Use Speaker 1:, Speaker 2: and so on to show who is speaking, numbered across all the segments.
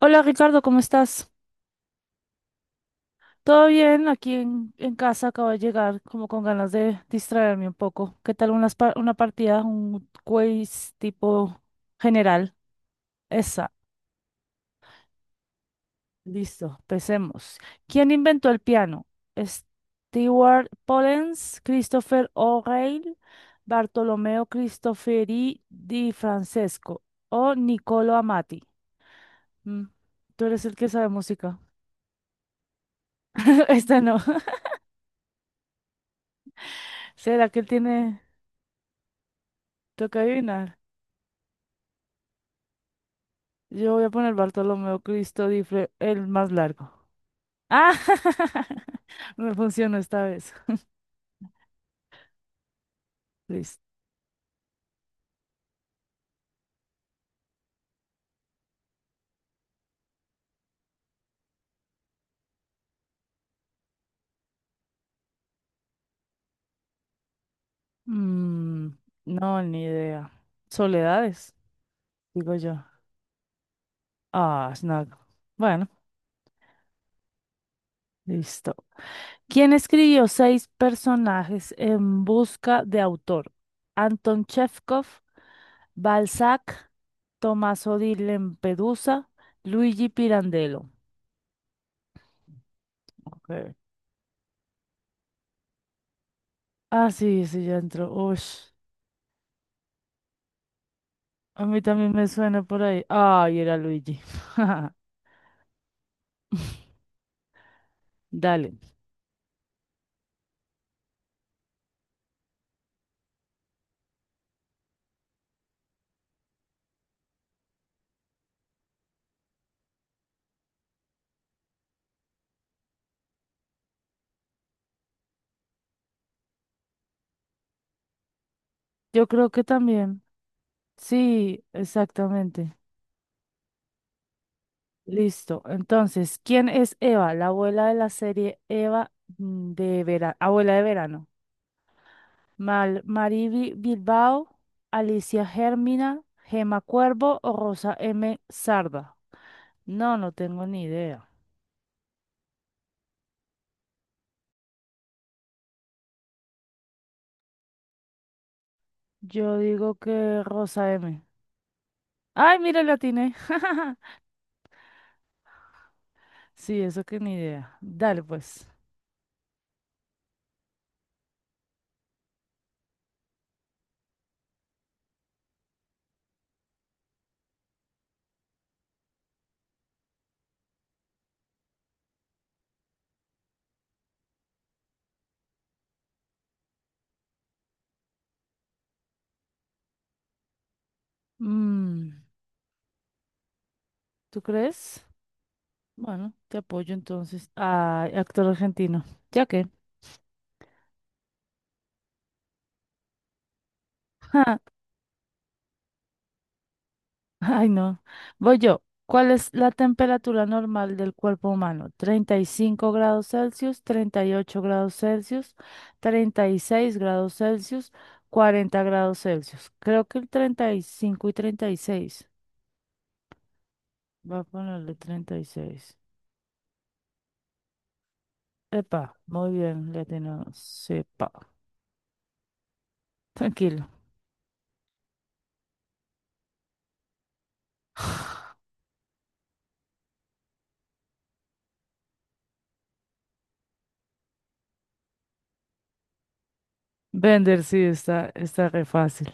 Speaker 1: Hola Ricardo, ¿cómo estás? ¿Todo bien? Aquí en casa acabo de llegar como con ganas de distraerme un poco. ¿Qué tal una partida, un quiz tipo general? Esa, listo, empecemos. ¿Quién inventó el piano? Stewart Pollens, Christopher O'Reilly, Bartolomeo Cristofori di Francesco o Niccolo Amati. Mm, Tú eres el que sabe música. Esta no. ¿Será que él tiene? Toca adivinar. Yo voy a poner Bartolomeo Cristo Difre, el más largo. ¡Ah! Me funcionó esta vez. Listo. Mm, no, ni idea. Soledades, digo yo. Ah, Snag. Bueno, listo. ¿Quién escribió Seis personajes en busca de autor? Anton Chekhov, Balzac, Tommaso di Lempedusa, Luigi Pirandello. Okay. Ah, sí, sí, ya entró. Ush. A mí también me suena por ahí. Ay, era Luigi. Dale. Yo creo que también. Sí, exactamente. Listo. Entonces, ¿quién es Eva? La abuela de la serie Eva de verano. Abuela de verano. Mal Mariby Bilbao, Alicia Germina, Gema Cuervo o Rosa M. Sarda. No, no tengo ni idea. Yo digo que Rosa M. Ay, mira, la atiné. Sí, eso que ni idea. Dale, pues. Mm. ¿Tú crees? Bueno, te apoyo entonces. Ay, actor argentino. ¿Ya qué? Ay, no. Voy yo. ¿Cuál es la temperatura normal del cuerpo humano? 35 °C, 38 °C, 36 °C, 40 °C. Creo que el 35 y 36. Va a ponerle 36. Epa, muy bien, le tenemos. Sepa. Tranquilo. Vender, sí, está re fácil.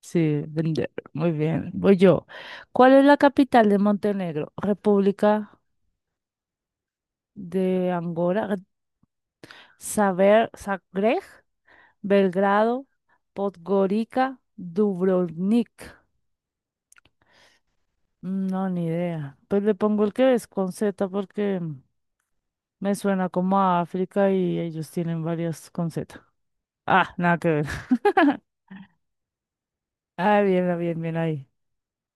Speaker 1: Sí, vender. Muy bien. Voy yo. ¿Cuál es la capital de Montenegro? República de Angora. Saber, Zagreb, Belgrado, Podgorica, Dubrovnik. No, ni idea. Pues le pongo el que es con Z porque me suena como a África y ellos tienen varias con Z. Ah, nada que ver. Ah, bien, bien ahí.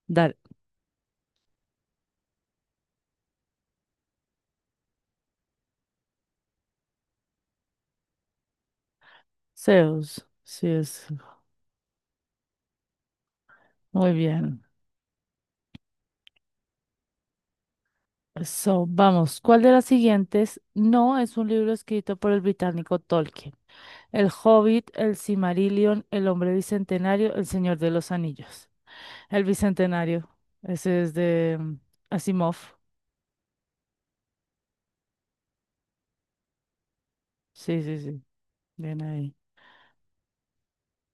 Speaker 1: Dale. Zeus. Sí, es. Muy bien. So, vamos, ¿cuál de las siguientes no es un libro escrito por el británico Tolkien? El Hobbit, el Silmarillion, el Hombre Bicentenario, el Señor de los Anillos. El Bicentenario, ese es de Asimov. Sí, sí, sí, bien ahí.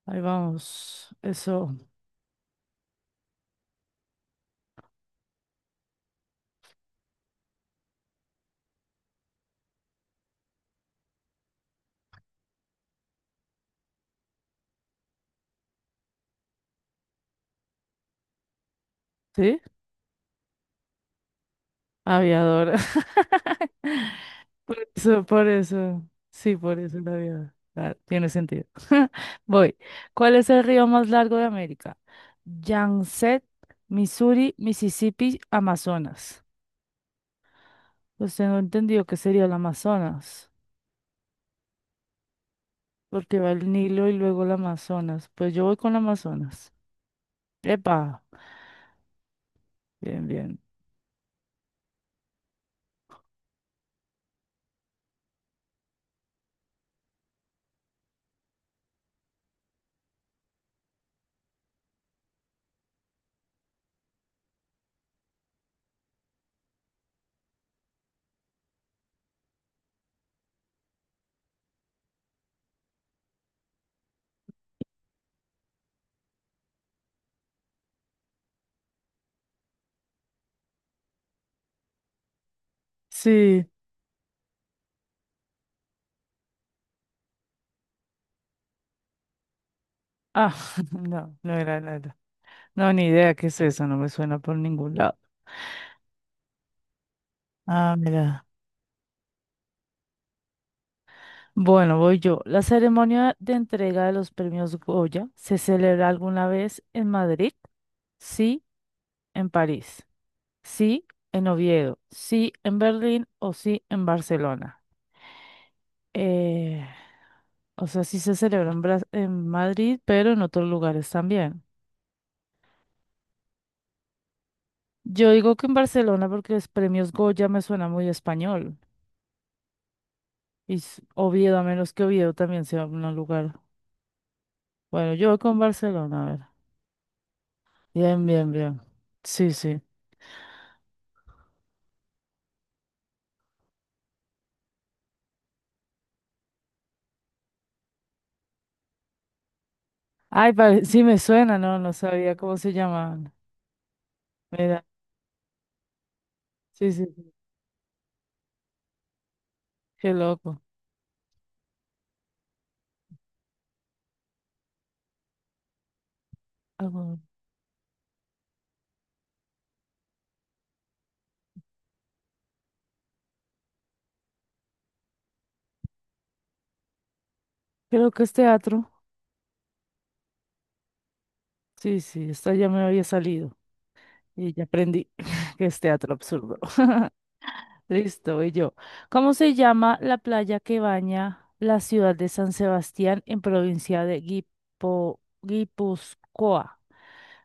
Speaker 1: Ahí vamos, eso, ¿sí? Aviador. Por eso, por eso. Sí, por eso la vida. Ah, tiene sentido. Voy. ¿Cuál es el río más largo de América? Yangtze, Missouri, Mississippi, Amazonas. Pues tengo entendido que sería el Amazonas, porque va el Nilo y luego el Amazonas. Pues yo voy con el Amazonas. Epa, bien, bien. Sí. Ah, no, no era nada. No, ni idea qué es eso, no me suena por ningún lado. Ah, mira. Bueno, voy yo. ¿La ceremonia de entrega de los premios Goya se celebra alguna vez en Madrid? Sí, en París. Sí, en Oviedo. Sí, en Berlín o sí, en Barcelona. Eh, o sea, sí se celebra en Madrid, pero en otros lugares también. Yo digo que en Barcelona porque los premios Goya me suena muy español. Y Oviedo, a menos que Oviedo también sea un lugar. Bueno, yo voy con Barcelona, a ver. Bien, bien, bien. Sí, sí. Ay, sí me suena, no, no sabía cómo se llamaban. Mira, sí, sí, sí, qué loco. Ah, bueno, creo que es teatro. Sí, sí, esta ya me había salido y ya aprendí que es teatro absurdo. Listo, y yo. ¿Cómo se llama la playa que baña la ciudad de San Sebastián en provincia de Guipúzcoa?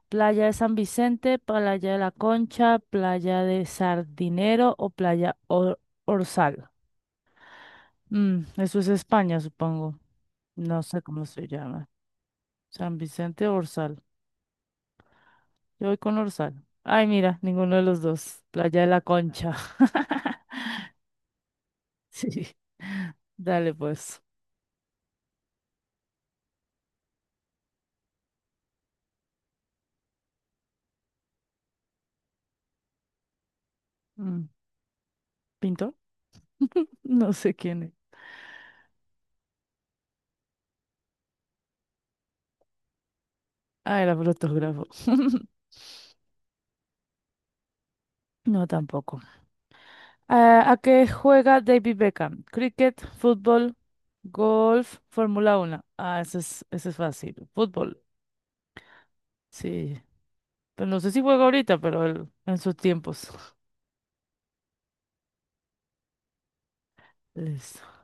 Speaker 1: ¿Playa de San Vicente, playa de la Concha, playa de Sardinero o playa Orzal? Eso es España, supongo. No sé cómo se llama. San Vicente o Orsal. Yo voy con Orsal. Ay, mira, ninguno de los dos. Playa de la Concha. Sí. Dale, pues. Mm, ¿Pintor? No sé quién es. Ah, era fotógrafo. No, tampoco. Ah, ¿a qué juega David Beckham? Cricket, fútbol, golf, Fórmula 1. Ah, ese es fácil. Fútbol. Sí. Pero no sé si juega ahorita, pero en sus tiempos. Listo.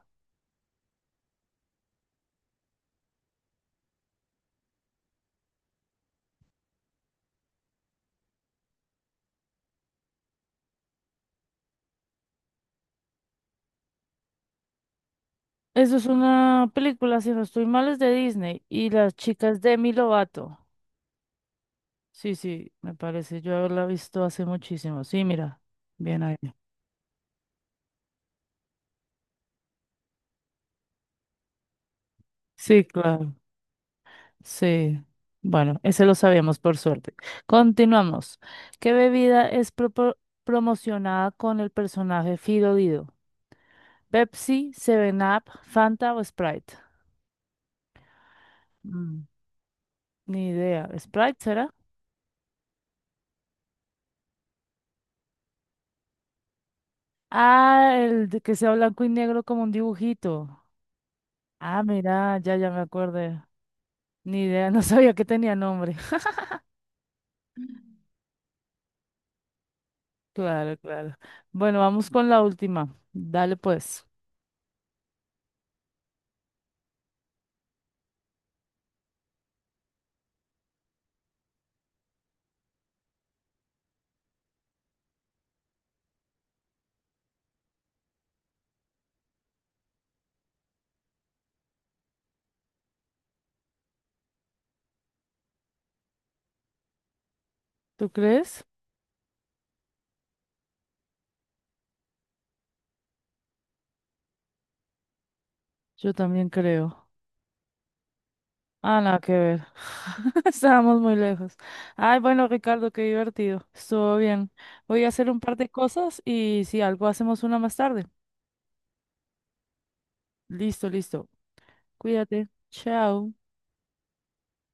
Speaker 1: Eso es una película, si no estoy mal, es de Disney y las chicas de Demi Lovato. Sí, sí, me parece yo haberla visto hace muchísimo. Sí, mira, bien ahí. Sí, claro, sí. Bueno, ese lo sabíamos por suerte. Continuamos. ¿Qué bebida es promocionada con el personaje Fido Dido? ¿Pepsi, Seven Up, Fanta o Sprite? Mm, Ni idea. ¿Sprite será? Ah, el de que sea blanco y negro como un dibujito. Ah, mira, ya, ya me acordé. Ni idea, no sabía que tenía nombre. Claro, claro. Bueno, vamos con la última. Dale pues. ¿Tú crees? Yo también creo. Ah, nada que ver. Estábamos muy lejos. Ay, bueno, Ricardo, qué divertido. Estuvo bien. Voy a hacer un par de cosas y si algo hacemos una más tarde. Listo, listo. Cuídate. Chao.